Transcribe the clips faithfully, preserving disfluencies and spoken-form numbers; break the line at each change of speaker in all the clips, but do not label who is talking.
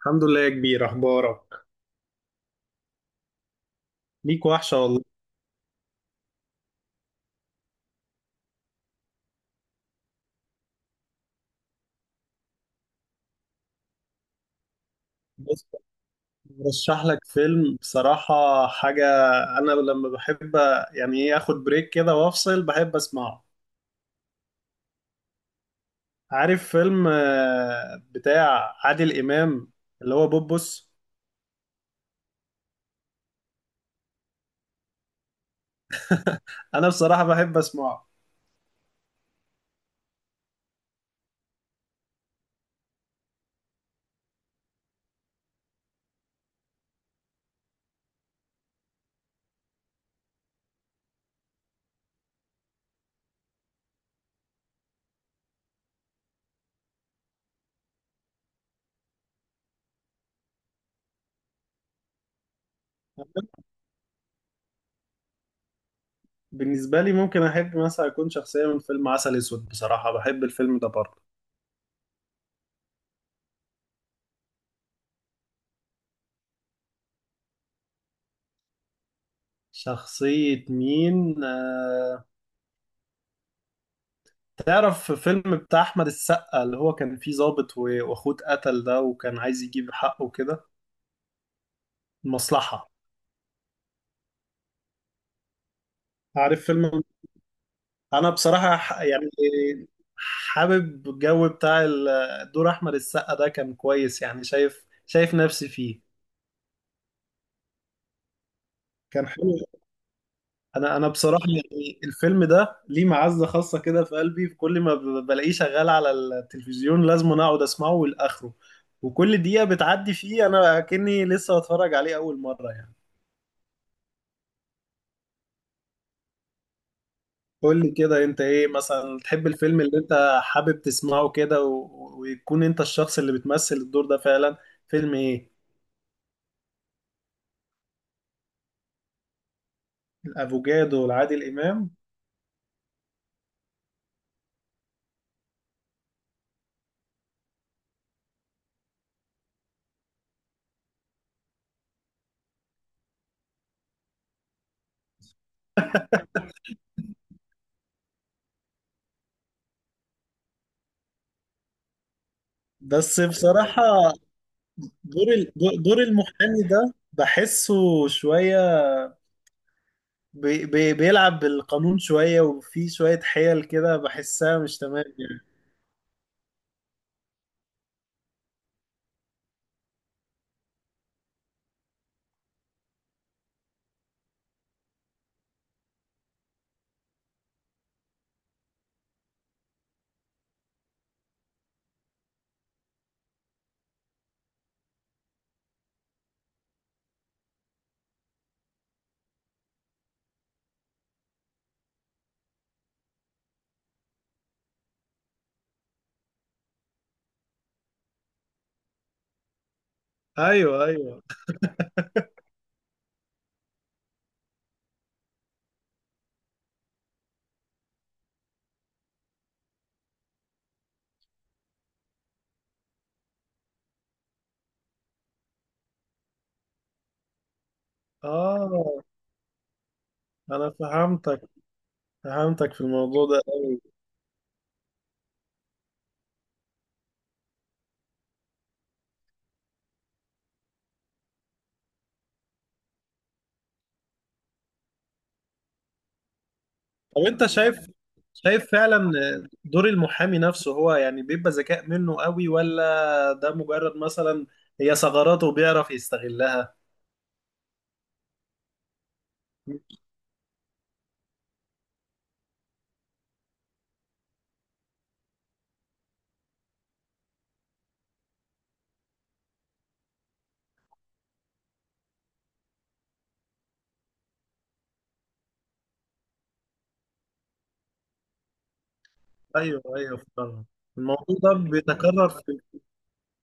الحمد لله يا كبير. اخبارك؟ ليك وحشه والله. بص، برشح لك فيلم بصراحه حاجه. انا لما بحب يعني ايه اخد بريك كده وافصل، بحب اسمعه. عارف فيلم آه، بتاع عادل امام اللي هو بوبوس؟ انا بصراحه بحب اسمعه. بالنسبه لي ممكن احب مثلا اكون شخصيه من فيلم عسل اسود، بصراحه بحب الفيلم ده برضه. شخصيه مين آه، تعرف فيلم بتاع احمد السقا اللي هو كان فيه ضابط و- واخوه اتقتل ده وكان عايز يجيب حقه كده؟ المصلحة. عارف فيلم؟ انا بصراحة ح- يعني حابب الجو بتاع ال- دور احمد السقا ده، كان كويس يعني. شايف شايف نفسي فيه. كان حلو. انا انا بصراحة يعني الفيلم ده ليه معزة خاصة كده في قلبي. في كل ما ب- بلاقيه شغال على التلفزيون لازم انا اقعد اسمعه لاخره، وكل دقيقة بتعدي فيه انا كأني لسه بتفرج عليه اول مرة يعني. قول لي كده، انت ايه مثلا تحب الفيلم اللي انت حابب تسمعه كده و... ويكون انت الشخص اللي بتمثل الدور ده فعلا؟ فيلم ايه؟ الافوكادو والعادل امام. بس بصراحة دور ال... دور المحامي ده بحسه شوية، بي... بي... بيلعب بالقانون شوية، وفي شوية حيل كده بحسها مش تمام يعني. ايوه ايوه. اه انا فهمتك، فهمتك في الموضوع ده. طب انت شايف، شايف فعلا دور المحامي نفسه هو يعني بيبقى ذكاء منه قوي، ولا ده مجرد مثلا هي ثغراته بيعرف يستغلها؟ ايوه ايوه فعلا. الموضوع ده بيتكرر في،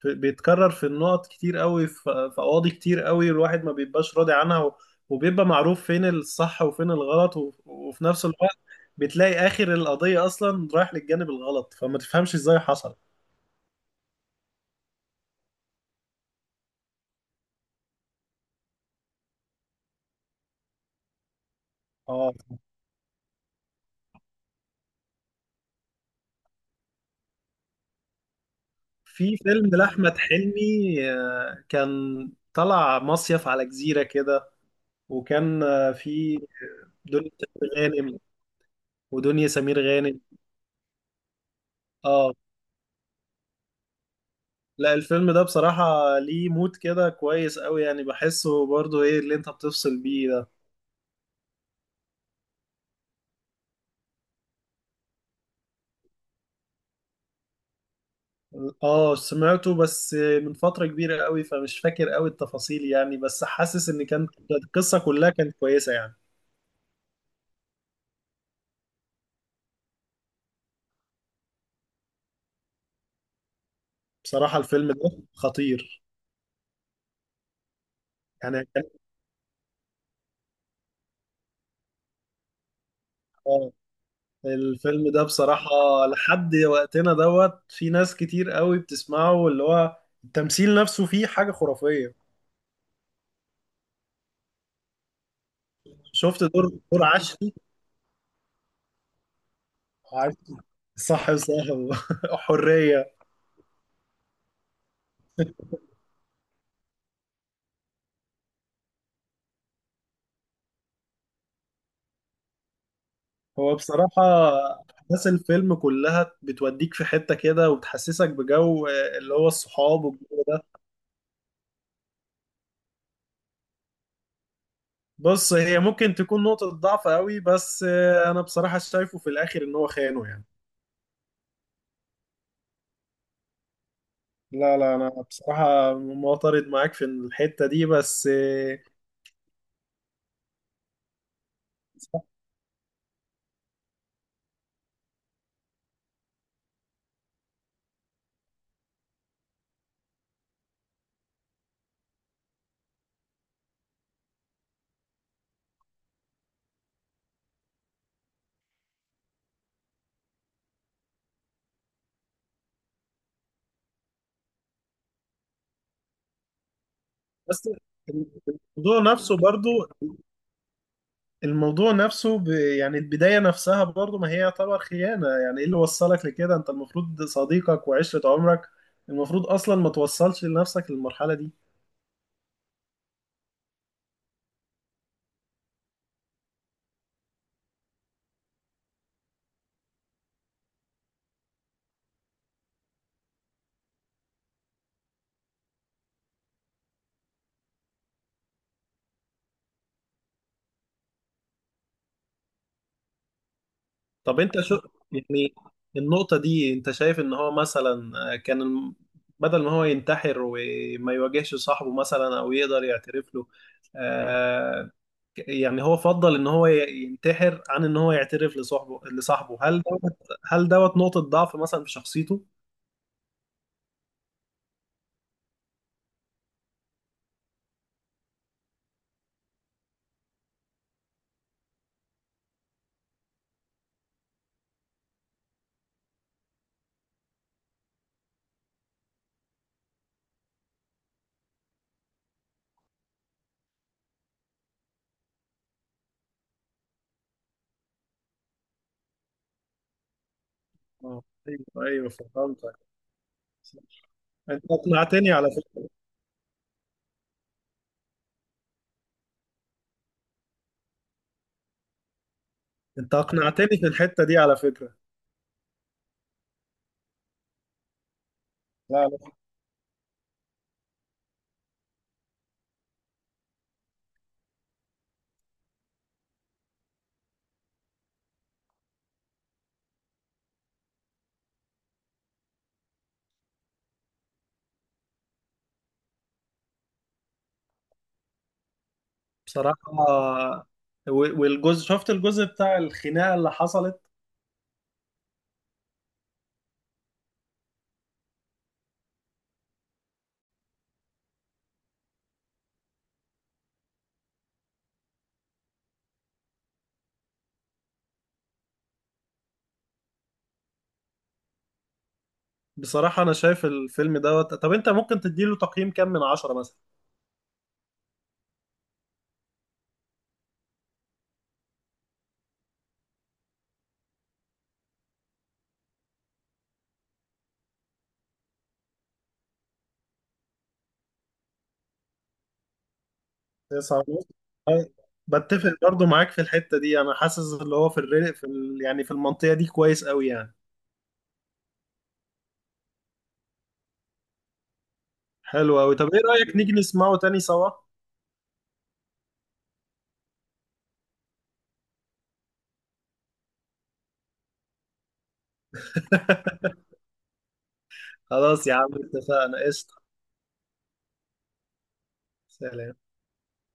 في- بيتكرر في النقط كتير قوي، في في قواضي كتير قوي الواحد ما بيبقاش راضي عنها، و- وبيبقى معروف فين الصح وفين الغلط، و- وفي نفس الوقت بتلاقي اخر القضية اصلا رايح للجانب الغلط فما تفهمش ازاي حصل. اه في فيلم لأحمد حلمي، آه، كان طلع مصيف على جزيرة كده، وكان آه، في دنيا سمير غانم. ودنيا سمير غانم اه لا الفيلم ده بصراحة ليه مود كده كويس قوي يعني، بحسه برضو ايه اللي انت بتفصل بيه ده. اه سمعته بس من فترة كبيرة قوي فمش فاكر قوي التفاصيل يعني، بس حاسس ان كانت القصة كلها كانت كويسة يعني. بصراحة الفيلم ده خطير. يعني كان آه، الفيلم ده بصراحة لحد وقتنا دوت في ناس كتير قوي بتسمعه، واللي هو التمثيل نفسه فيه حاجة خرافية. شفت دور، دور عشري؟ عشري صح وصاحب حرية. هو بصراحة أحداث الفيلم كلها بتوديك في حتة كده، وبتحسسك بجو آه، اللي هو الصحاب والجو ده. بص هي ممكن تكون نقطة ضعف قوي، بس آه، أنا بصراحة شايفه في الآخر إن هو خانه يعني. لا لا انا بصراحة معترض معاك في الحتة دي بس آه، صح. بس الموضوع نفسه برضو، الموضوع نفسه ب... يعني البداية نفسها برضو ما هي يعتبر خيانة يعني. ايه اللي وصلك لكده؟ انت المفروض صديقك وعشرة عمرك المفروض اصلا ما توصلش لنفسك للمرحلة دي. طب انت شو يعني، النقطة دي انت شايف ان هو مثلا كان الم- بدل ما هو ينتحر وما يواجهش صاحبه مثلا او يقدر يعترف له، آه، يعني هو فضل ان هو ي- ينتحر عن ان هو يعترف لصاحبه، لصاحبه هل دوت، هل دوت نقطة ضعف مثلا في شخصيته؟ اه ايوه ايوه. فهمتك. انت اقنعتني على فكرة. انت اقنعتني في الحتة دي على فكرة. لا لا بصراحة، و- والجزء شفت الجزء بتاع الخناقة اللي حصلت. بصراحة انا شايف الفيلم دوت، طب انت ممكن تديله تقييم كام من عشرة مثلا؟ تسعة ونص. أه، بتفق برضو معاك في الحتة دي، انا حاسس اللي هو في الريق في ال... يعني في المنطقة دي كويس قوي يعني. حلو أوي، طب إيه رأيك نيجي نسمعه تاني سوا؟ خلاص يا عم اتفقنا قشطة. سلام.